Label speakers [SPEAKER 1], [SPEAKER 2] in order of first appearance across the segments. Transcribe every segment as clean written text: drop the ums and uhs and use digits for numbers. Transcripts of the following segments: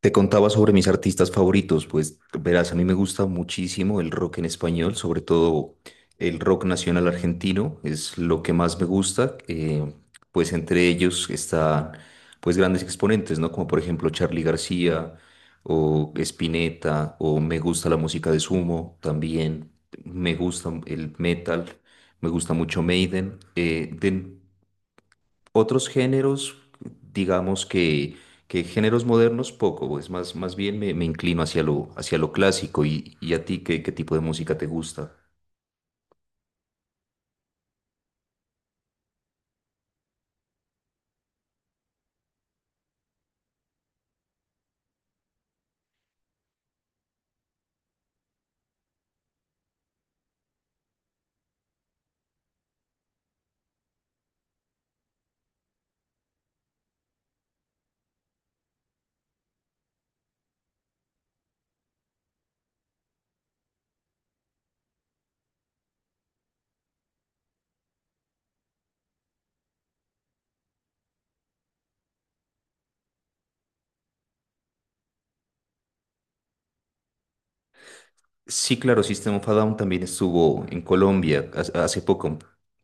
[SPEAKER 1] Te contaba sobre mis artistas favoritos, pues verás, a mí me gusta muchísimo el rock en español, sobre todo el rock nacional argentino, es lo que más me gusta, pues entre ellos están pues grandes exponentes, ¿no? Como por ejemplo Charly García o Spinetta o me gusta la música de Sumo también, me gusta el metal, me gusta mucho Maiden, otros géneros, digamos que géneros modernos, poco, pues más, más bien me inclino hacia lo clásico. ¿Y a ti qué, qué tipo de música te gusta? Sí, claro, System of a Down también estuvo en Colombia hace poco.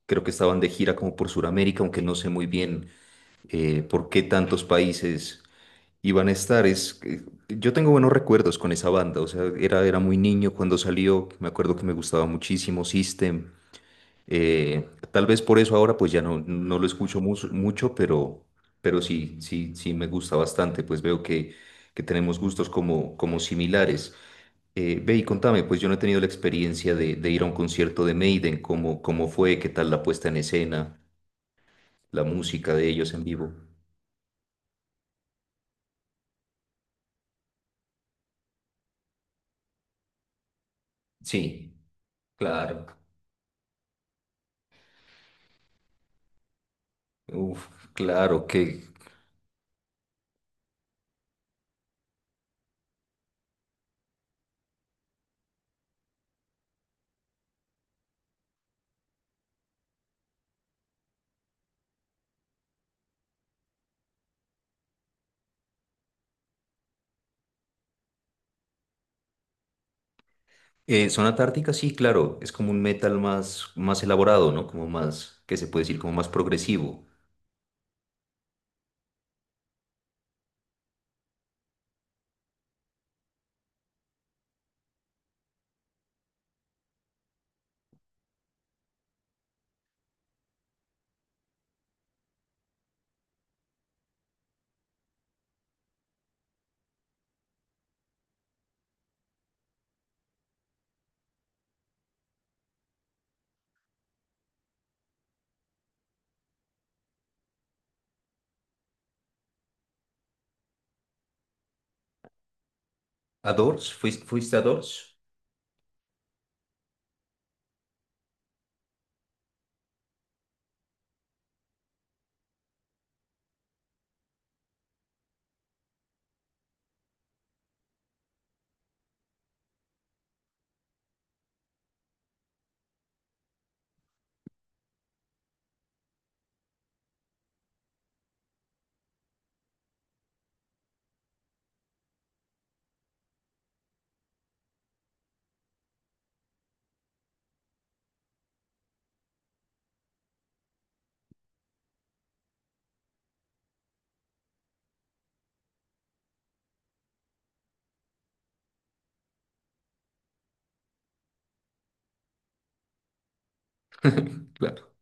[SPEAKER 1] Creo que estaban de gira como por Sudamérica, aunque no sé muy bien por qué tantos países iban a estar. Es, que yo tengo buenos recuerdos con esa banda, o sea, era muy niño cuando salió, me acuerdo que me gustaba muchísimo System. Tal vez por eso ahora pues no lo escucho mucho, pero sí, sí, sí me gusta bastante, pues veo que tenemos gustos como, como similares. Ve y contame, pues yo no he tenido la experiencia de ir a un concierto de Maiden, ¿cómo, cómo fue? ¿Qué tal la puesta en escena? ¿La música de ellos en vivo? Sí, claro. Uf, claro que... Zona Tártica, sí, claro, es como un metal más, más elaborado, ¿no? Como más, ¿qué se puede decir? Como más progresivo. ¿A Doors? ¿Fuiste, fuiste a Doors? Claro.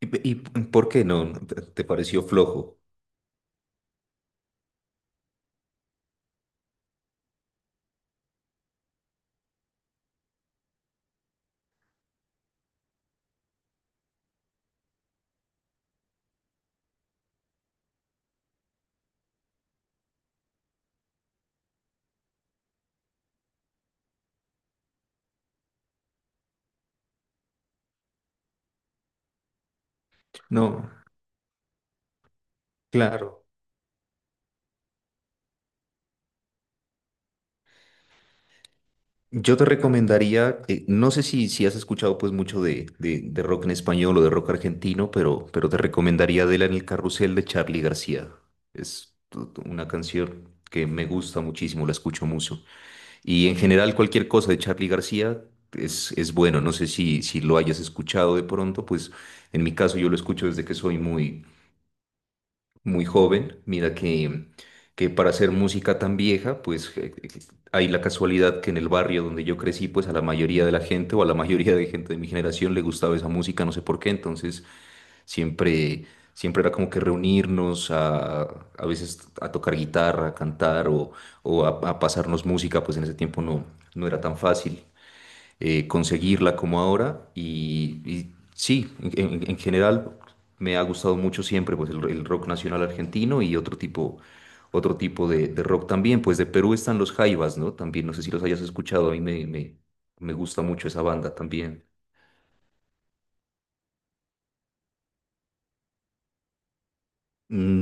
[SPEAKER 1] ¿Y por qué no? ¿Te pareció flojo? No, claro. Yo te recomendaría, no sé si, si has escuchado pues mucho de rock en español o de rock argentino, pero te recomendaría Adela en el Carrusel de Charly García. Es una canción que me gusta muchísimo, la escucho mucho. Y en general cualquier cosa de Charly García es bueno. No sé si, si lo hayas escuchado de pronto, pues en mi caso yo lo escucho desde que soy muy, muy joven. Mira que para hacer música tan vieja, pues hay la casualidad que en el barrio donde yo crecí, pues a la mayoría de la gente o a la mayoría de gente de mi generación le gustaba esa música, no sé por qué. Entonces siempre, siempre era como que reunirnos a veces a tocar guitarra, a cantar o, a pasarnos música, pues en ese tiempo no, no era tan fácil conseguirla como ahora. Y sí, en general me ha gustado mucho siempre pues, el rock nacional argentino y otro tipo de rock también. Pues de Perú están los Jaivas, ¿no? También, no sé si los hayas escuchado, a mí me gusta mucho esa banda también.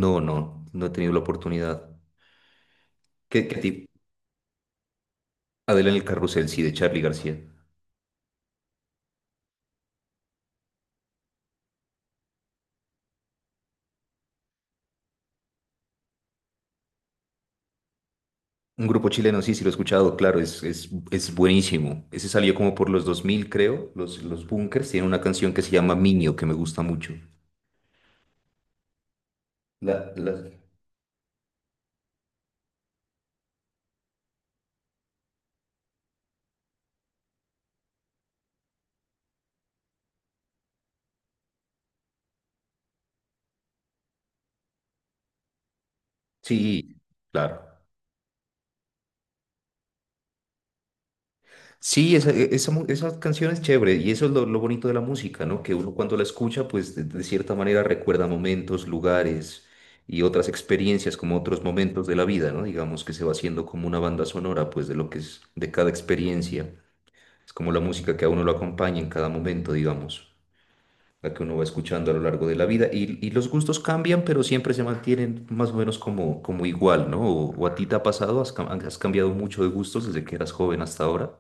[SPEAKER 1] No, no, no he tenido la oportunidad. ¿Qué, qué tipo? Adela en el carrusel, sí, de Charly García. Un grupo chileno, sí, sí lo he escuchado, claro, es buenísimo. Ese salió como por los 2000 creo, los Bunkers. Tiene una canción que se llama Miño, que me gusta mucho. La, la- Sí, claro. Sí, esa, e- esa, mu- esa canción es chévere y eso es lo bonito de la música, ¿no? Que uno cuando la escucha, pues de cierta manera recuerda momentos, lugares y otras experiencias, como otros momentos de la vida, ¿no? Digamos que se va haciendo como una banda sonora, pues de lo que es de cada experiencia. Es como la música que a uno lo acompaña en cada momento, digamos. La que uno va escuchando a lo largo de la vida. Y los gustos cambian, pero siempre se mantienen más o menos como, como igual, ¿no? O a ti te ha pasado, has cambiado mucho de gustos desde que eras joven hasta ahora.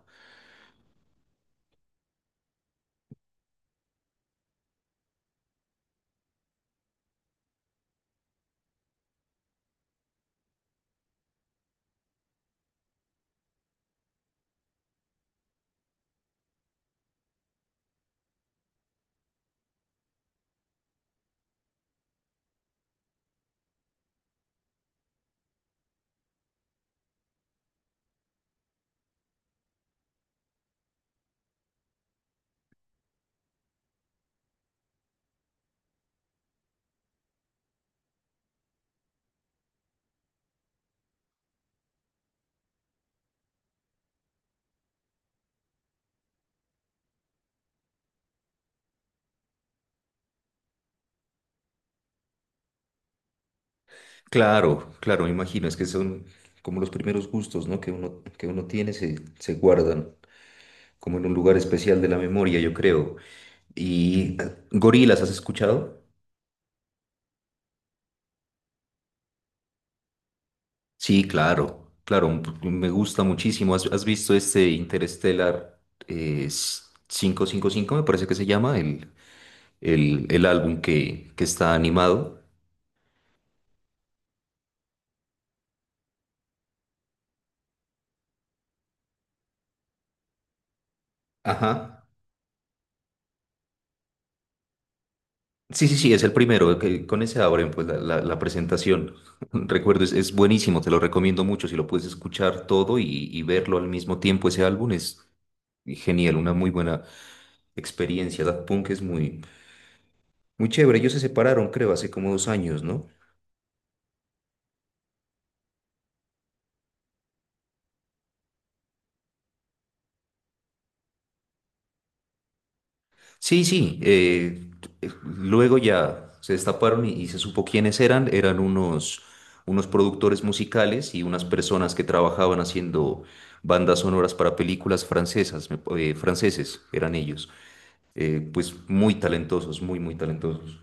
[SPEAKER 1] Claro, claro, me imagino, es que son como los primeros gustos, ¿no? Que uno tiene, se guardan como en un lugar especial de la memoria, yo creo. Y gorilas, ¿has escuchado? Sí, claro, claro, me gusta muchísimo. ¿Has visto este Interstellar quinientos cincuenta y cinco? Me parece que se llama el álbum que está animado. Ajá. Sí, sí, sí, es el primero, que con ese abren pues la presentación. Recuerdo, es buenísimo, te lo recomiendo mucho, si lo puedes escuchar todo y verlo al mismo tiempo, ese álbum es genial, una muy buena experiencia. Daft Punk es muy, muy chévere, ellos se separaron creo hace como 2 años, ¿no? Sí, sí. Luego ya se destaparon y se supo quiénes eran. Eran unos, unos productores musicales y unas personas que trabajaban haciendo bandas sonoras para películas francesas, franceses, eran ellos. Pues muy talentosos, muy, muy talentosos.